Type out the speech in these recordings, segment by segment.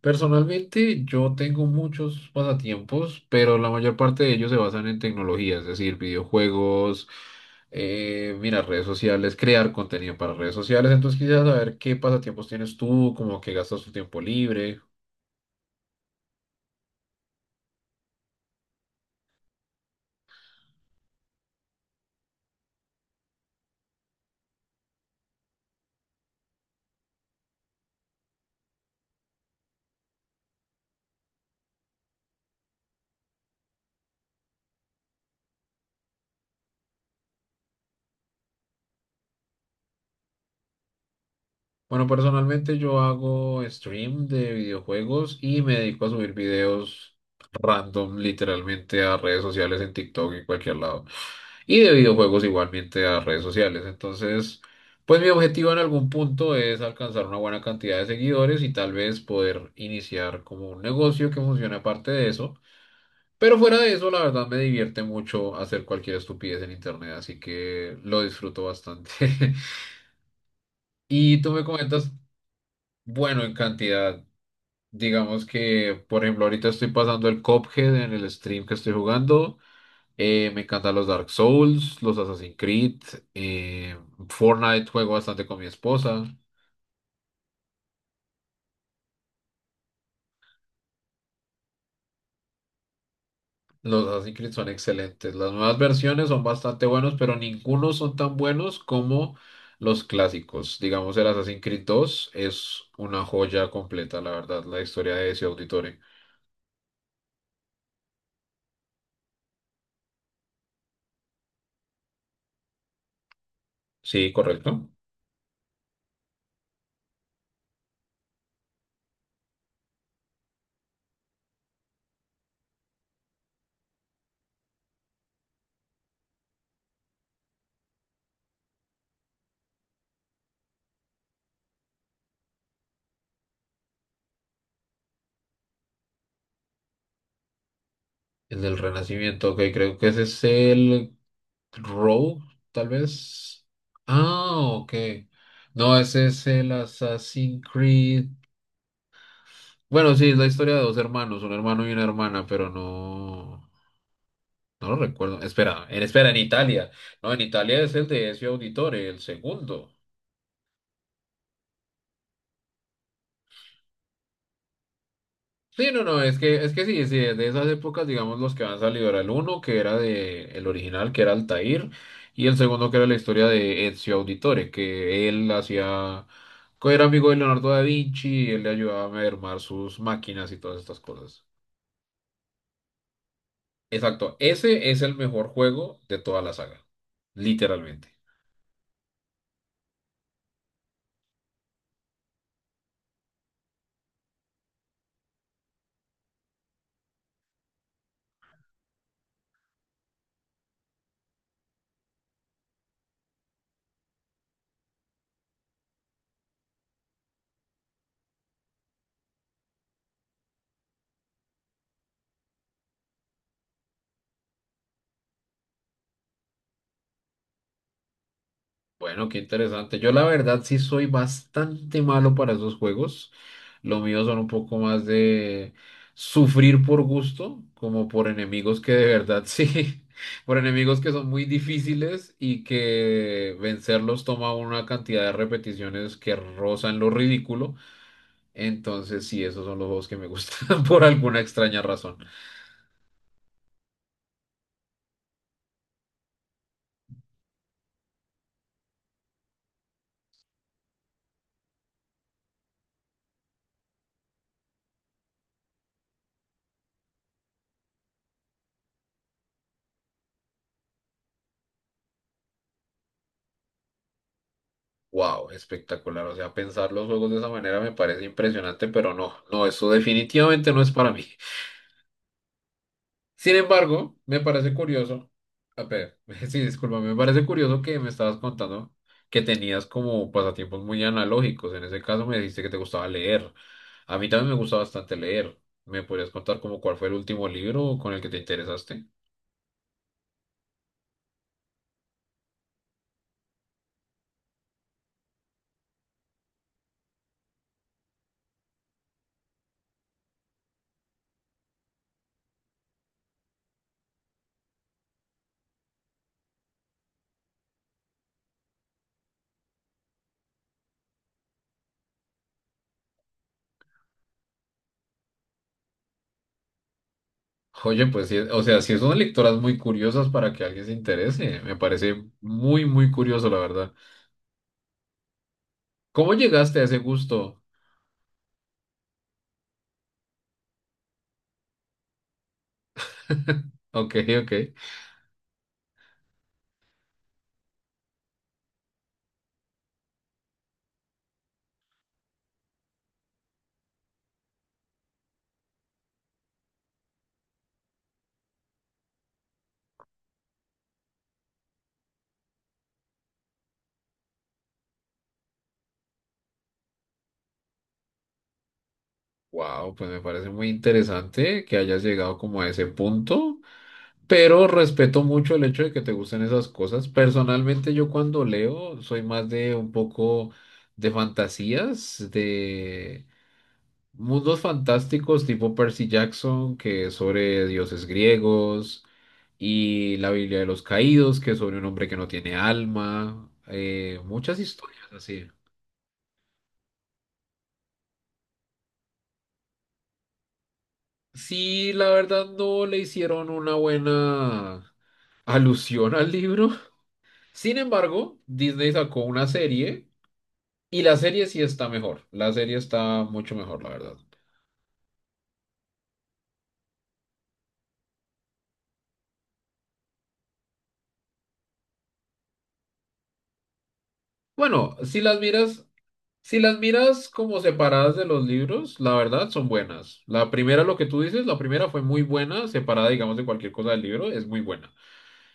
Personalmente, yo tengo muchos pasatiempos, pero la mayor parte de ellos se basan en tecnología, es decir, videojuegos, mira, redes sociales, crear contenido para redes sociales. Entonces, quisiera saber qué pasatiempos tienes tú, como que gastas tu tiempo libre. Bueno, personalmente yo hago stream de videojuegos y me dedico a subir videos random, literalmente a redes sociales en TikTok y cualquier lado. Y de videojuegos igualmente a redes sociales. Entonces, pues mi objetivo en algún punto es alcanzar una buena cantidad de seguidores y tal vez poder iniciar como un negocio que funcione aparte de eso. Pero fuera de eso, la verdad me divierte mucho hacer cualquier estupidez en internet, así que lo disfruto bastante. Y tú me comentas, bueno, en cantidad. Digamos que, por ejemplo, ahorita estoy pasando el Cuphead en el stream que estoy jugando. Me encantan los Dark Souls, los Assassin's Creed. eh, Fortnite juego bastante con mi esposa. Los Assassin's Creed son excelentes. Las nuevas versiones son bastante buenos, pero ninguno son tan buenos como los clásicos. Digamos, el Assassin's Creed 2 es una joya completa, la verdad, la historia de ese auditorio. Sí, correcto. El del Renacimiento, ok, creo que ese es el Row, tal vez. Ah, ok. No, ese es el Assassin's Creed. Bueno, sí, es la historia de dos hermanos, un hermano y una hermana, pero no, no lo recuerdo. Espera, espera, en Italia. No, en Italia es el de Ezio Auditore, el segundo. Sí, no, no, es que sí, sí, de esas épocas, digamos, los que han salido era el uno, que era de el original, que era Altair, y el segundo que era la historia de Ezio Auditore, que él hacía, que era amigo de Leonardo da Vinci, y él le ayudaba a mermar sus máquinas y todas estas cosas. Exacto, ese es el mejor juego de toda la saga, literalmente. Bueno, qué interesante. Yo la verdad sí soy bastante malo para esos juegos. Lo mío son un poco más de sufrir por gusto, como por enemigos que de verdad sí, por enemigos que son muy difíciles y que vencerlos toma una cantidad de repeticiones que rozan lo ridículo. Entonces sí, esos son los juegos que me gustan por alguna extraña razón. Wow, espectacular. O sea, pensar los juegos de esa manera me parece impresionante, pero no, no, eso definitivamente no es para mí. Sin embargo, me parece curioso, a ver, sí, disculpa, me parece curioso que me estabas contando que tenías como pasatiempos muy analógicos. En ese caso me dijiste que te gustaba leer. A mí también me gusta bastante leer. ¿Me podrías contar como cuál fue el último libro con el que te interesaste? Oye, pues sí, o sea, sí son lectoras muy curiosas para que alguien se interese. Me parece muy, muy curioso, la verdad. ¿Cómo llegaste a ese gusto? Ok, ok. Wow, pues me parece muy interesante que hayas llegado como a ese punto. Pero respeto mucho el hecho de que te gusten esas cosas. Personalmente, yo cuando leo soy más de un poco de fantasías, de mundos fantásticos tipo Percy Jackson, que es sobre dioses griegos, y la Biblia de los Caídos, que es sobre un hombre que no tiene alma, muchas historias así. Sí, la verdad no le hicieron una buena alusión al libro. Sin embargo, Disney sacó una serie. Y la serie sí está mejor, la serie está mucho mejor, la verdad. Bueno, si las miras como separadas de los libros, la verdad son buenas. La primera, lo que tú dices, la primera fue muy buena, separada, digamos, de cualquier cosa del libro, es muy buena.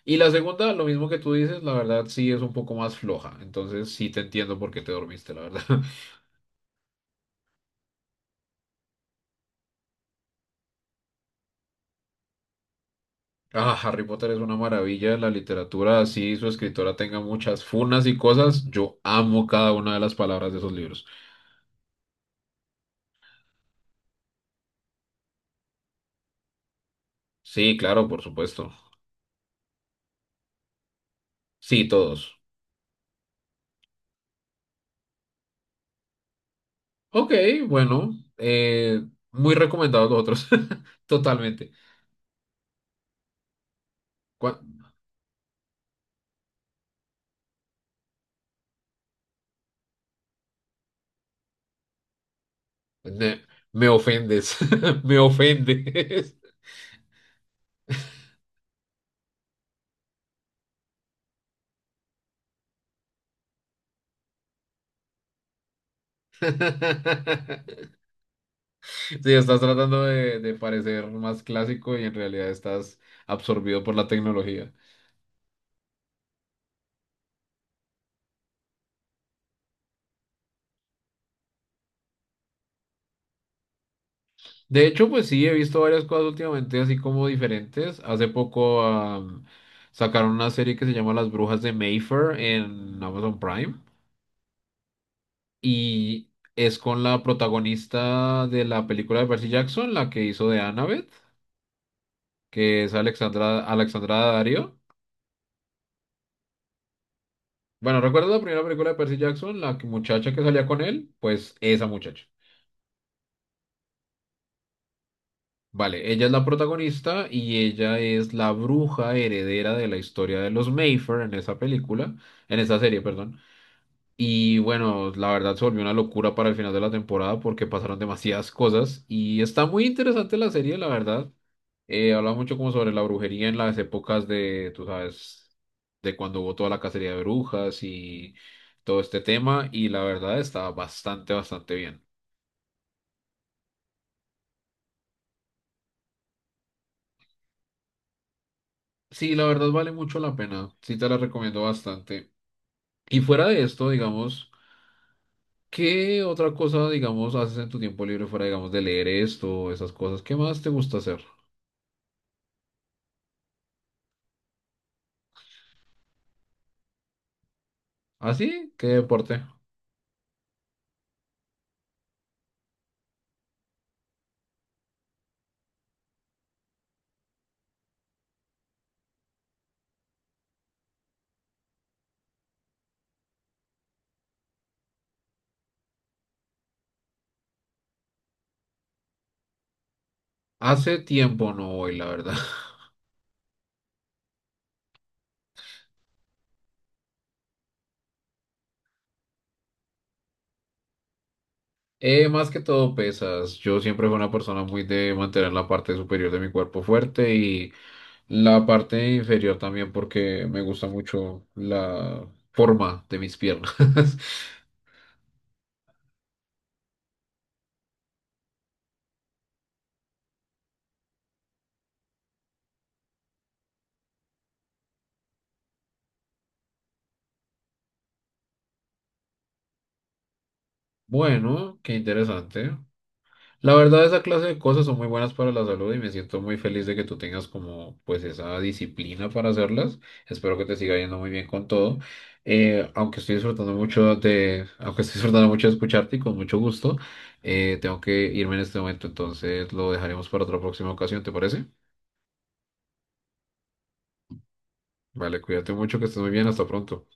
Y la segunda, lo mismo que tú dices, la verdad sí es un poco más floja. Entonces sí te entiendo por qué te dormiste, la verdad. Ah, Harry Potter es una maravilla de la literatura, así su escritora tenga muchas funas y cosas, yo amo cada una de las palabras de esos libros. Sí, claro, por supuesto. Sí, todos. Ok, bueno, eh, muy recomendados los otros. Totalmente. Cua- ne- me ofendes, me ofendes. Sí, estás tratando de parecer más clásico y en realidad estás absorbido por la tecnología. De hecho, pues sí, he visto varias cosas últimamente así como diferentes. Hace poco sacaron una serie que se llama Las Brujas de Mayfair en Amazon Prime. Y es con la protagonista de la película de Percy Jackson, la que hizo de Annabeth, que es Alexandra Daddario. Bueno, ¿recuerdas la primera película de Percy Jackson? Muchacha que salía con él, pues esa muchacha. Vale, ella es la protagonista y ella es la bruja heredera de la historia de los Mayfair en esa película, en esa serie, perdón. Y bueno, la verdad se volvió una locura para el final de la temporada porque pasaron demasiadas cosas y está muy interesante la serie, la verdad. Habla mucho como sobre la brujería en las épocas de, tú sabes, de cuando hubo toda la cacería de brujas y todo este tema y la verdad está bastante, bastante bien. Sí, la verdad vale mucho la pena, sí te la recomiendo bastante. Y fuera de esto, digamos, ¿qué otra cosa, digamos, haces en tu tiempo libre fuera, digamos, de leer esto, esas cosas? ¿Qué más te gusta hacer? ¿Así? ¿Qué deporte? Hace tiempo no voy, la verdad. Más que todo pesas. Yo siempre fui una persona muy de mantener la parte superior de mi cuerpo fuerte y la parte inferior también porque me gusta mucho la forma de mis piernas. Bueno, qué interesante. La verdad, esa clase de cosas son muy buenas para la salud y me siento muy feliz de que tú tengas como pues esa disciplina para hacerlas. Espero que te siga yendo muy bien con todo. Aunque estoy disfrutando mucho de, aunque estoy disfrutando mucho de escucharte y con mucho gusto, tengo que irme en este momento, entonces lo dejaremos para otra próxima ocasión, ¿te parece? Vale, cuídate mucho, que estés muy bien, hasta pronto.